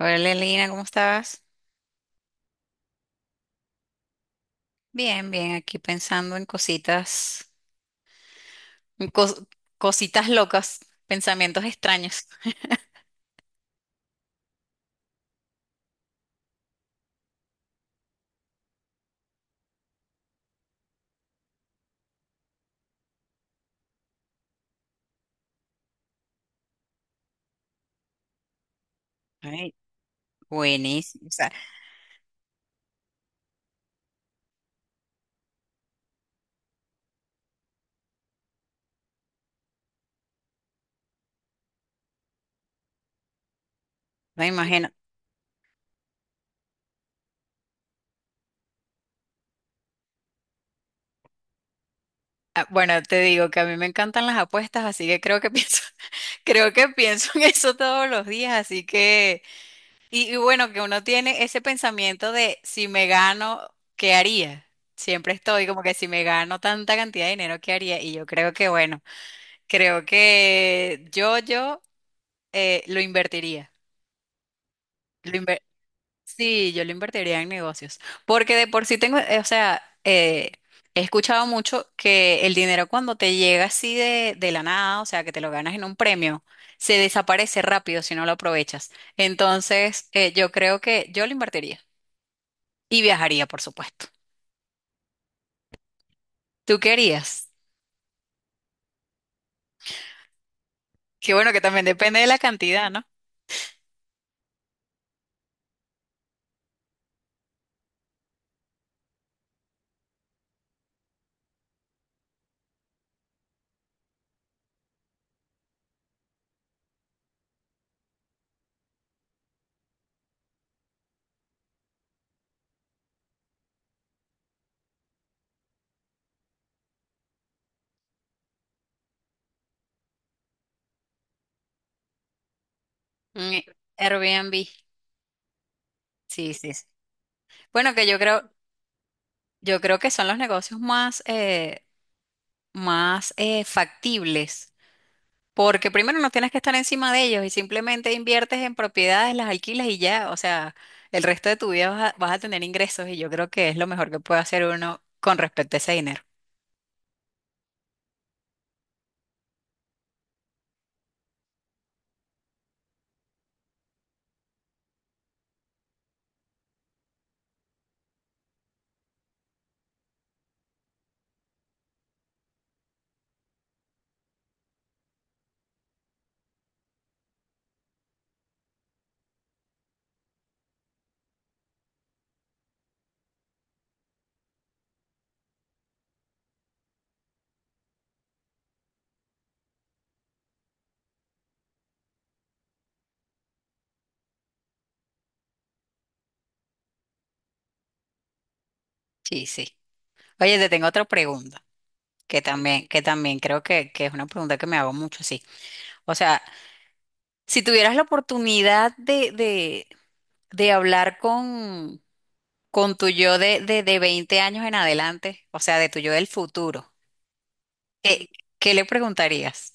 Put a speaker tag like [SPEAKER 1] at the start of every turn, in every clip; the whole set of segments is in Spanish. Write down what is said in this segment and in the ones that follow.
[SPEAKER 1] Hola, Lina, ¿cómo estás? Bien, bien, aquí pensando en cositas, en cos- cositas locas, pensamientos extraños. Ay, buenísimo. O sea, me imagino. Bueno, te digo que a mí me encantan las apuestas, así que creo que pienso, creo que pienso en eso todos los días, así que, y bueno, que uno tiene ese pensamiento de si me gano, ¿qué haría? Siempre estoy como que si me gano tanta cantidad de dinero, ¿qué haría? Y yo creo que, bueno, creo que yo lo invertiría. Lo inver- sí, yo lo invertiría en negocios. Porque de por sí tengo, o sea, he escuchado mucho que el dinero cuando te llega así de la nada, o sea, que te lo ganas en un premio, se desaparece rápido si no lo aprovechas. Entonces, yo creo que yo lo invertiría. Y viajaría, por supuesto. ¿Tú querías? Que bueno, que también depende de la cantidad, ¿no? Mm, Airbnb. Sí, sí, sí. Bueno, que yo creo que son los negocios más, más factibles, porque primero no tienes que estar encima de ellos y simplemente inviertes en propiedades, las alquilas y ya, o sea, el resto de tu vida vas a, vas a tener ingresos y yo creo que es lo mejor que puede hacer uno con respecto a ese dinero. Sí, sí. Oye, te tengo otra pregunta, que también creo que es una pregunta que me hago mucho, sí. O sea, si tuvieras la oportunidad de hablar con tu yo de 20 años en adelante, o sea, de tu yo del futuro. ¿Qué, qué le preguntarías?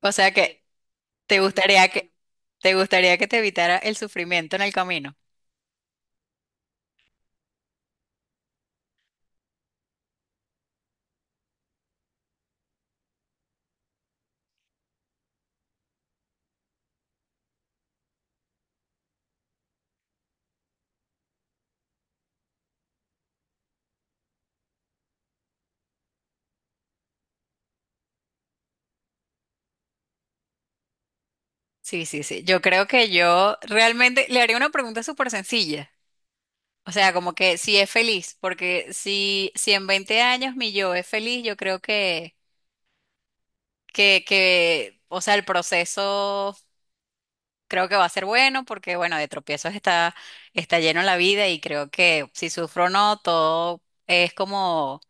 [SPEAKER 1] O sea, que te gustaría que te gustaría que te evitara el sufrimiento en el camino. Sí, sí, sí. Yo creo que yo realmente le haría una pregunta súper sencilla. O sea, como que si es feliz, porque si, si en 20 años mi yo es feliz, yo creo que, o sea, el proceso creo que va a ser bueno, porque bueno, de tropiezos está, está lleno la vida y creo que si sufro o no, todo es como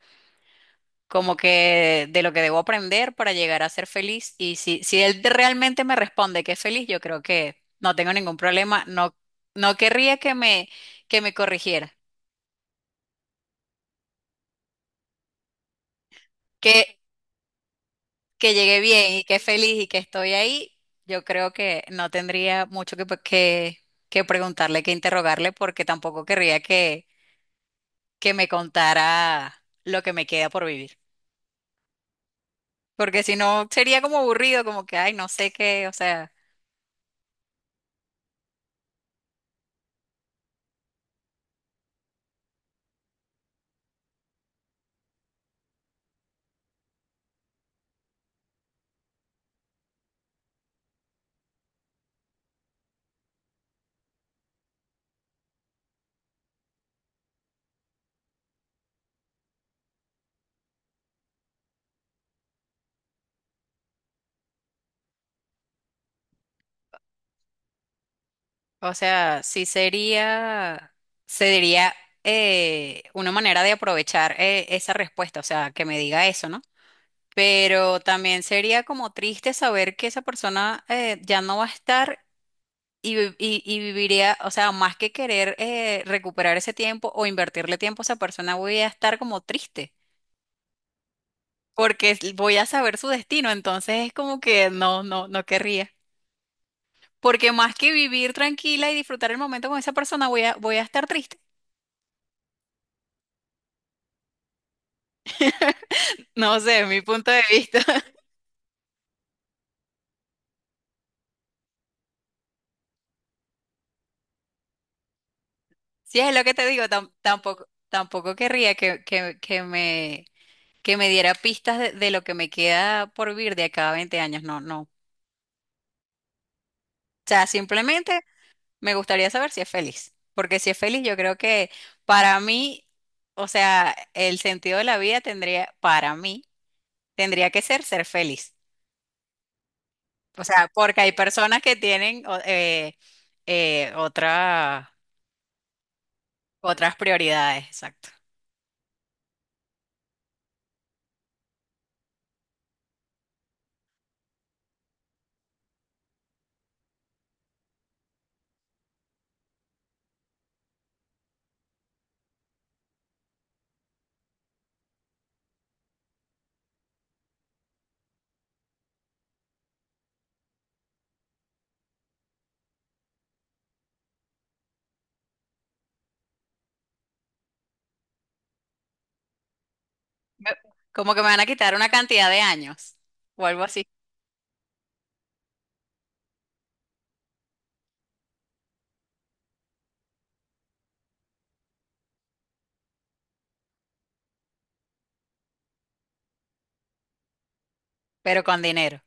[SPEAKER 1] como que de lo que debo aprender para llegar a ser feliz. Y si, él realmente me responde que es feliz, yo creo que no tengo ningún problema. No, no querría que me corrigiera. Que, que llegué bien y que feliz y que estoy ahí, yo creo que no tendría mucho que preguntarle, que interrogarle, porque tampoco querría que me contara lo que me queda por vivir. Porque si no, sería como aburrido, como que, ay, no sé qué, o sea. O sea, sí sería, sería una manera de aprovechar esa respuesta, o sea, que me diga eso, ¿no? Pero también sería como triste saber que esa persona ya no va a estar y, y viviría, o sea, más que querer recuperar ese tiempo o invertirle tiempo a esa persona, voy a estar como triste, porque voy a saber su destino, entonces es como que no, no, no querría. Porque más que vivir tranquila y disfrutar el momento con esa persona, voy a, voy a estar triste. No sé, mi punto de vista. Si es lo que te digo, tampoco, tampoco querría que, que me diera pistas de lo que me queda por vivir de acá a 20 años. No, no. O sea, simplemente me gustaría saber si es feliz. Porque si es feliz, yo creo que para mí, o sea, el sentido de la vida tendría, para mí, tendría que ser ser feliz. O sea, porque hay personas que tienen eh, otra- otras prioridades, exacto. Me- Como que me van a quitar una cantidad de años o algo así, pero con dinero.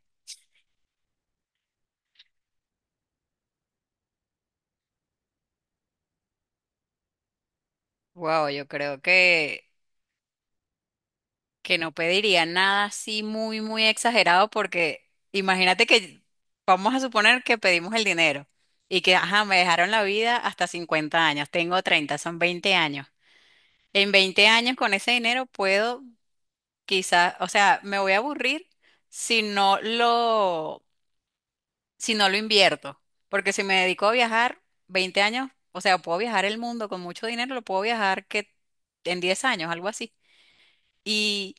[SPEAKER 1] Wow, yo creo que no pediría nada así muy, muy exagerado porque imagínate que vamos a suponer que pedimos el dinero y que, ajá, me dejaron la vida hasta 50 años, tengo 30, son 20 años. En 20 años con ese dinero puedo quizás, o sea, me voy a aburrir si no lo invierto. Porque si me dedico a viajar 20 años, o sea, puedo viajar el mundo con mucho dinero, lo puedo viajar que en 10 años, algo así. Y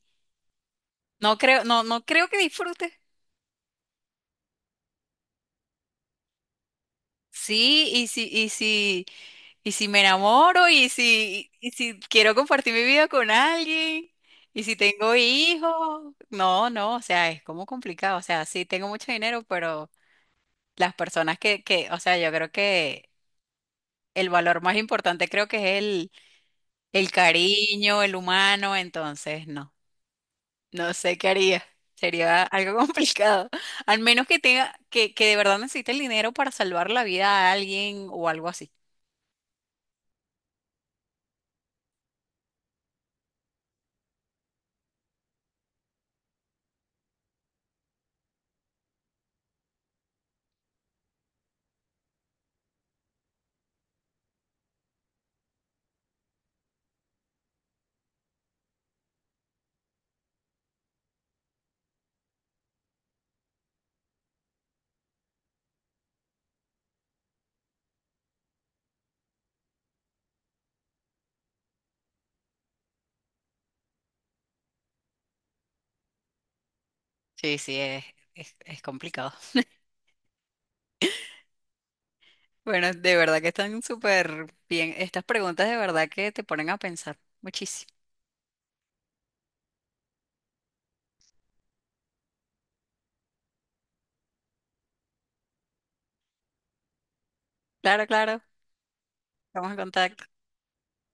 [SPEAKER 1] no creo, no, no creo que disfrute. Sí, y si me enamoro, y si quiero compartir mi vida con alguien, y si tengo hijos, no, no, o sea, es como complicado. O sea, sí tengo mucho dinero, pero las personas que, o sea, yo creo que el valor más importante creo que es el cariño, el humano, entonces no, no sé qué haría. Sería algo complicado. Al menos que tenga, que de verdad necesite el dinero para salvar la vida a alguien o algo así. Sí, sí, es complicado. Bueno, de verdad que están súper bien. Estas preguntas de verdad que te ponen a pensar muchísimo. Claro, claro. Estamos en contacto.